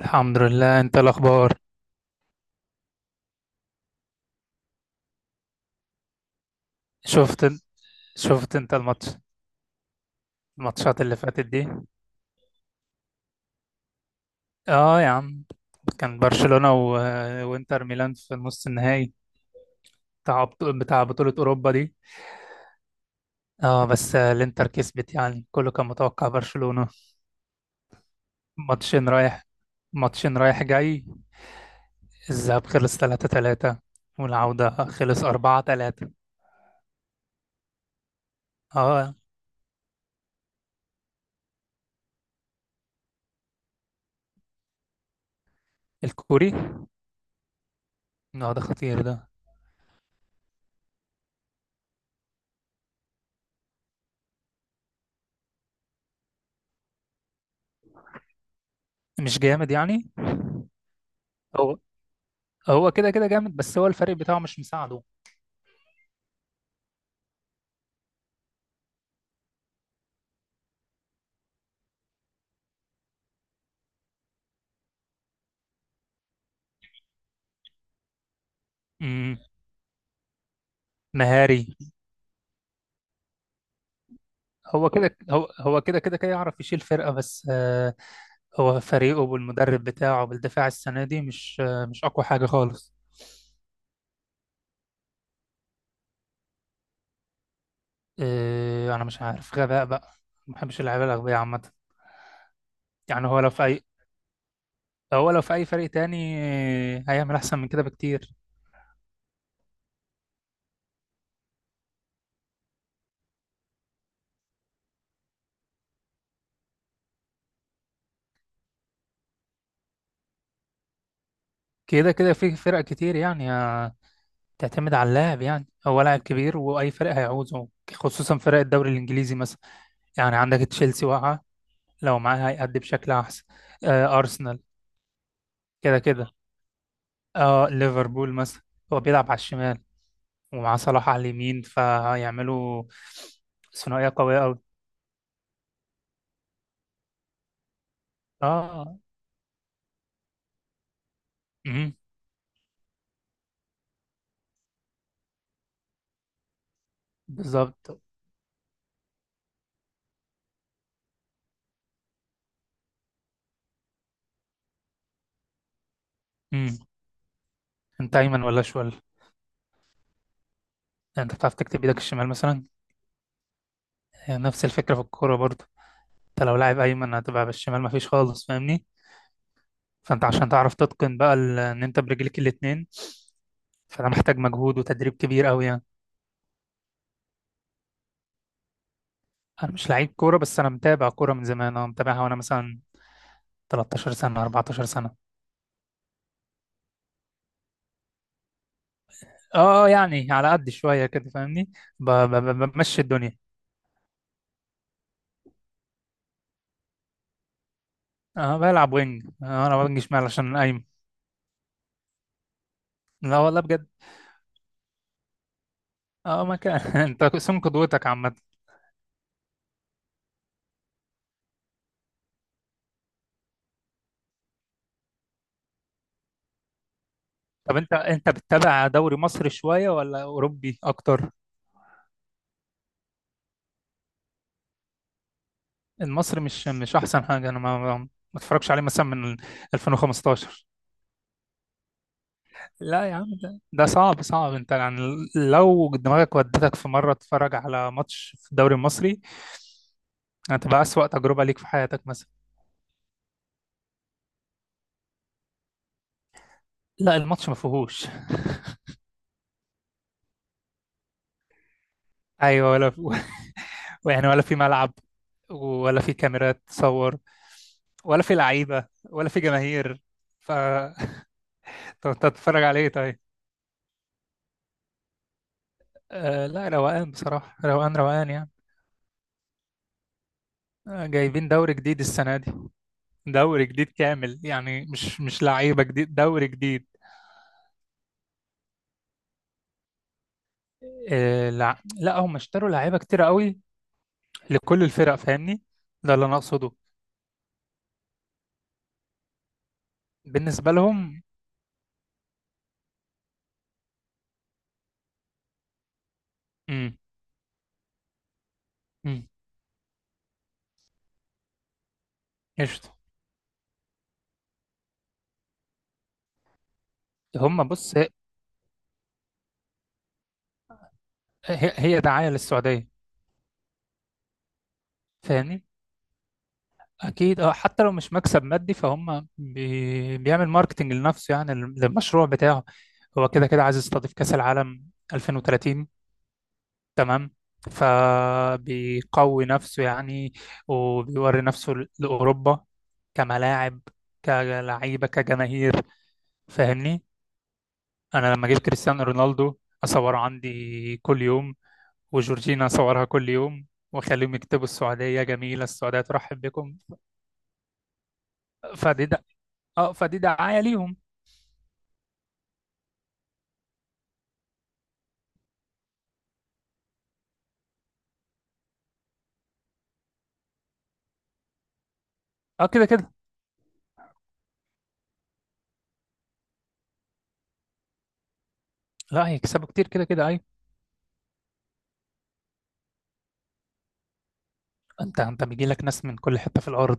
الحمد لله، انت الاخبار؟ شفت شفت انت الماتش؟ الماتشات اللي فاتت دي؟ اه يا عم. كان برشلونة و... وانتر ميلان في نص النهائي، بتاع بطولة اوروبا دي. اه، بس الانتر كسبت، يعني كله كان متوقع برشلونة. ماتشين رايح ماتشين رايح جاي. الذهاب خلص 3-3 والعودة خلص 4-3. اه. الكوري. اه، ده خطير ده. مش جامد يعني. هو هو كده كده جامد، بس هو الفريق بتاعه مش مساعده. مم. مهاري. هو كده كده كده يعرف يشيل فرقة بس هو فريقه بالمدرب بتاعه بالدفاع السنة دي مش أقوى حاجة خالص. أنا مش عارف، غباء بقى. ما بحبش اللعيبة الأغبياء عامة. يعني هو لو في أي فريق تاني هيعمل أحسن من كده بكتير. كده كده في فرق كتير، يعني تعتمد على اللاعب، يعني هو لاعب كبير وأي فريق هيعوزه، خصوصا فرق الدوري الإنجليزي مثلا. يعني عندك تشيلسي واقعة، لو معاه هيأدي بشكل أحسن. أرسنال. كده كده. اه، ليفربول مثلا. هو بيلعب على الشمال ومع صلاح على اليمين فهيعملوا ثنائية قوية أوي. اه. امم. بالظبط. امم. انت ايمن ولا اشول؟ انت بتعرف تكتب ايدك الشمال مثلا؟ هي نفس الفكرة في الكورة برضه. انت لو لاعب ايمن هتبقى بالشمال، مفيش خالص، فاهمني؟ فانت عشان تعرف تتقن بقى ان انت برجليك الاتنين، فده محتاج مجهود وتدريب كبير قوي يعني. انا مش لعيب كورة، بس انا متابع كورة من زمان، انا متابعها وانا مثلا 13 سنة، 14 سنة. اه، يعني على قد شوية كده فاهمني. ب- ب- بمشي الدنيا. اه، بلعب وينج، انا وينج شمال عشان قايم. لا والله بجد. اه، ما كان انت قسم قدوتك عامة. طب انت بتتابع دوري مصري شوية ولا اوروبي اكتر؟ المصري مش احسن حاجة، انا ما اتفرجش عليه مثلا من 2015. لا يا عم، ده صعب، صعب، انت يعني لو دماغك ودتك في مرة تتفرج على ماتش في الدوري المصري، هتبقى أسوأ تجربة ليك في حياتك مثلا. لا الماتش ما فيهوش. ايوه، ولا يعني، ولا في ملعب، ولا في كاميرات تصور، ولا في لعيبة، ولا في جماهير. ف طب أنت هتتفرج عليه طيب. لا، روقان بصراحة، روقان، روقان يعني. جايبين دوري جديد السنة دي، دوري جديد كامل، يعني مش لعيبة جديد، دوري جديد. لا، لا، هم اشتروا لعيبة كتير قوي لكل الفرق، فاهمني؟ ده اللي أنا أقصده. بالنسبة لهم. امم. امم. قشطة. هم بص، هي دعاية للسعودية، فاهمني؟ اكيد، اه، حتى لو مش مكسب مادي، فهم بيعمل ماركتنج لنفسه، يعني للمشروع بتاعه. هو كده كده عايز يستضيف كأس العالم 2030. تمام. فبيقوي نفسه يعني، وبيوري نفسه لأوروبا، كملاعب، كلعيبة، كجماهير، فاهمني؟ انا لما جبت كريستيانو رونالدو اصوره عندي كل يوم، وجورجينا اصورها كل يوم، واخليهم يكتبوا السعودية جميلة، السعودية ترحب بكم. فدي د... اه، فدي دعاية ليهم. اه، كده كده. لا هيكسبوا كتير كده كده، ايوه. انت بيجي لك ناس من كل حته في الارض.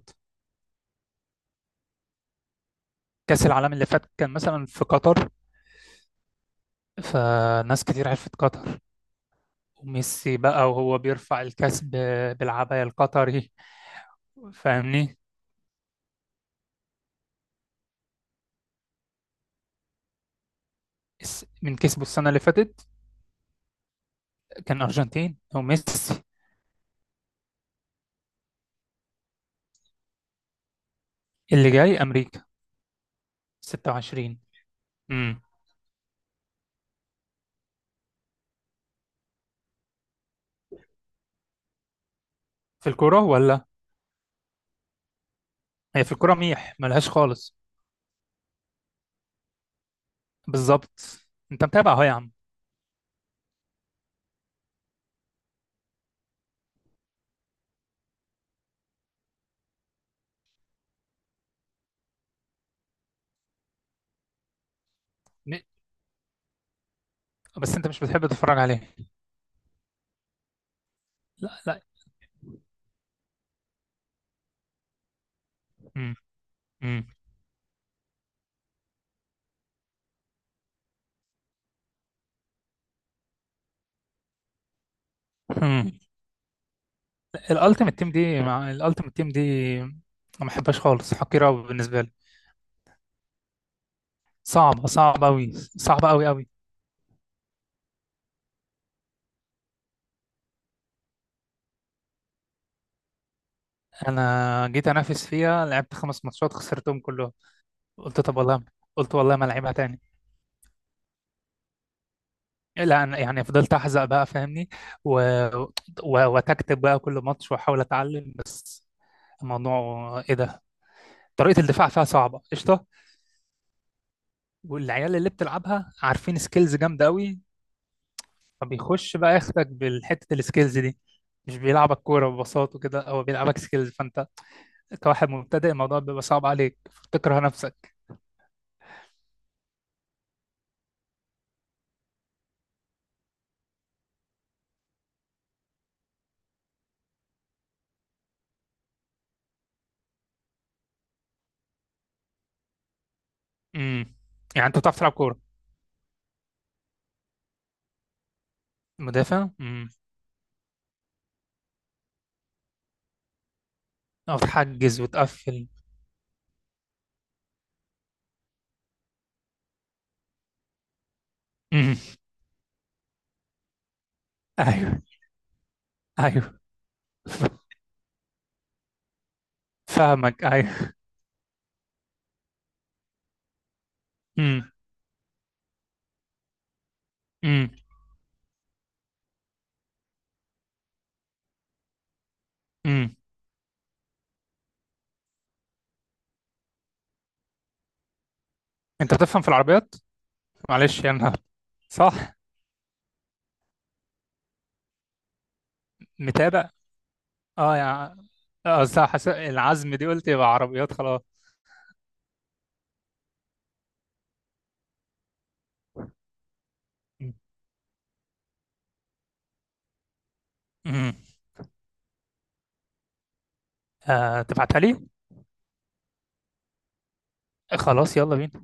كاس العالم اللي فات كان مثلا في قطر، فناس كتير عرفت قطر، وميسي بقى وهو بيرفع الكاس بالعباية القطري، فاهمني؟ من كسبه السنه اللي فاتت كان ارجنتين وميسي. اللي جاي امريكا. 26. امم. في الكوره ولا؟ هي في الكوره ميح، ملهاش خالص. بالظبط. انت متابع اهو يا عم. م- بس انت مش بتحب تتفرج عليه. لا، لا. امم. امم. الالتيمت تيم دي ما بحبهاش خالص، حقيره قوي بالنسبه لي. صعبه، صعبه قوي، صعبه قوي قوي. انا جيت انافس فيها، لعبت 5 ماتشات خسرتهم كلهم. قلت طب والله قلت والله ما العبها تاني. لا أنا يعني فضلت احزق بقى فاهمني، و... و... وتكتب بقى كل ماتش واحاول اتعلم، بس الموضوع ايه ده؟ طريقه الدفاع فيها صعبه قشطه، والعيال اللي بتلعبها عارفين سكيلز جامده قوي، فبيخش بقى ياخدك بالحتة السكيلز دي، مش بيلعبك كورة ببساطة كده، هو بيلعبك سكيلز، فأنت كواحد مبتدئ الموضوع بيبقى صعب عليك فتكره نفسك. امم. يعني أنت بتعرف تلعب كورة؟ مدافع. امم. أو تحجز وتقفل. امم. أيوه. أيوه. فاهمك. أيوه. امم. امم. امم. أنت بتفهم في العربيات؟ معلش يعني أنا. صح. متابع. أه يعني، قصدي العزم دي، قلت يبقى عربيات خلاص. امم. تبعتها لي. خلاص، يلا بينا.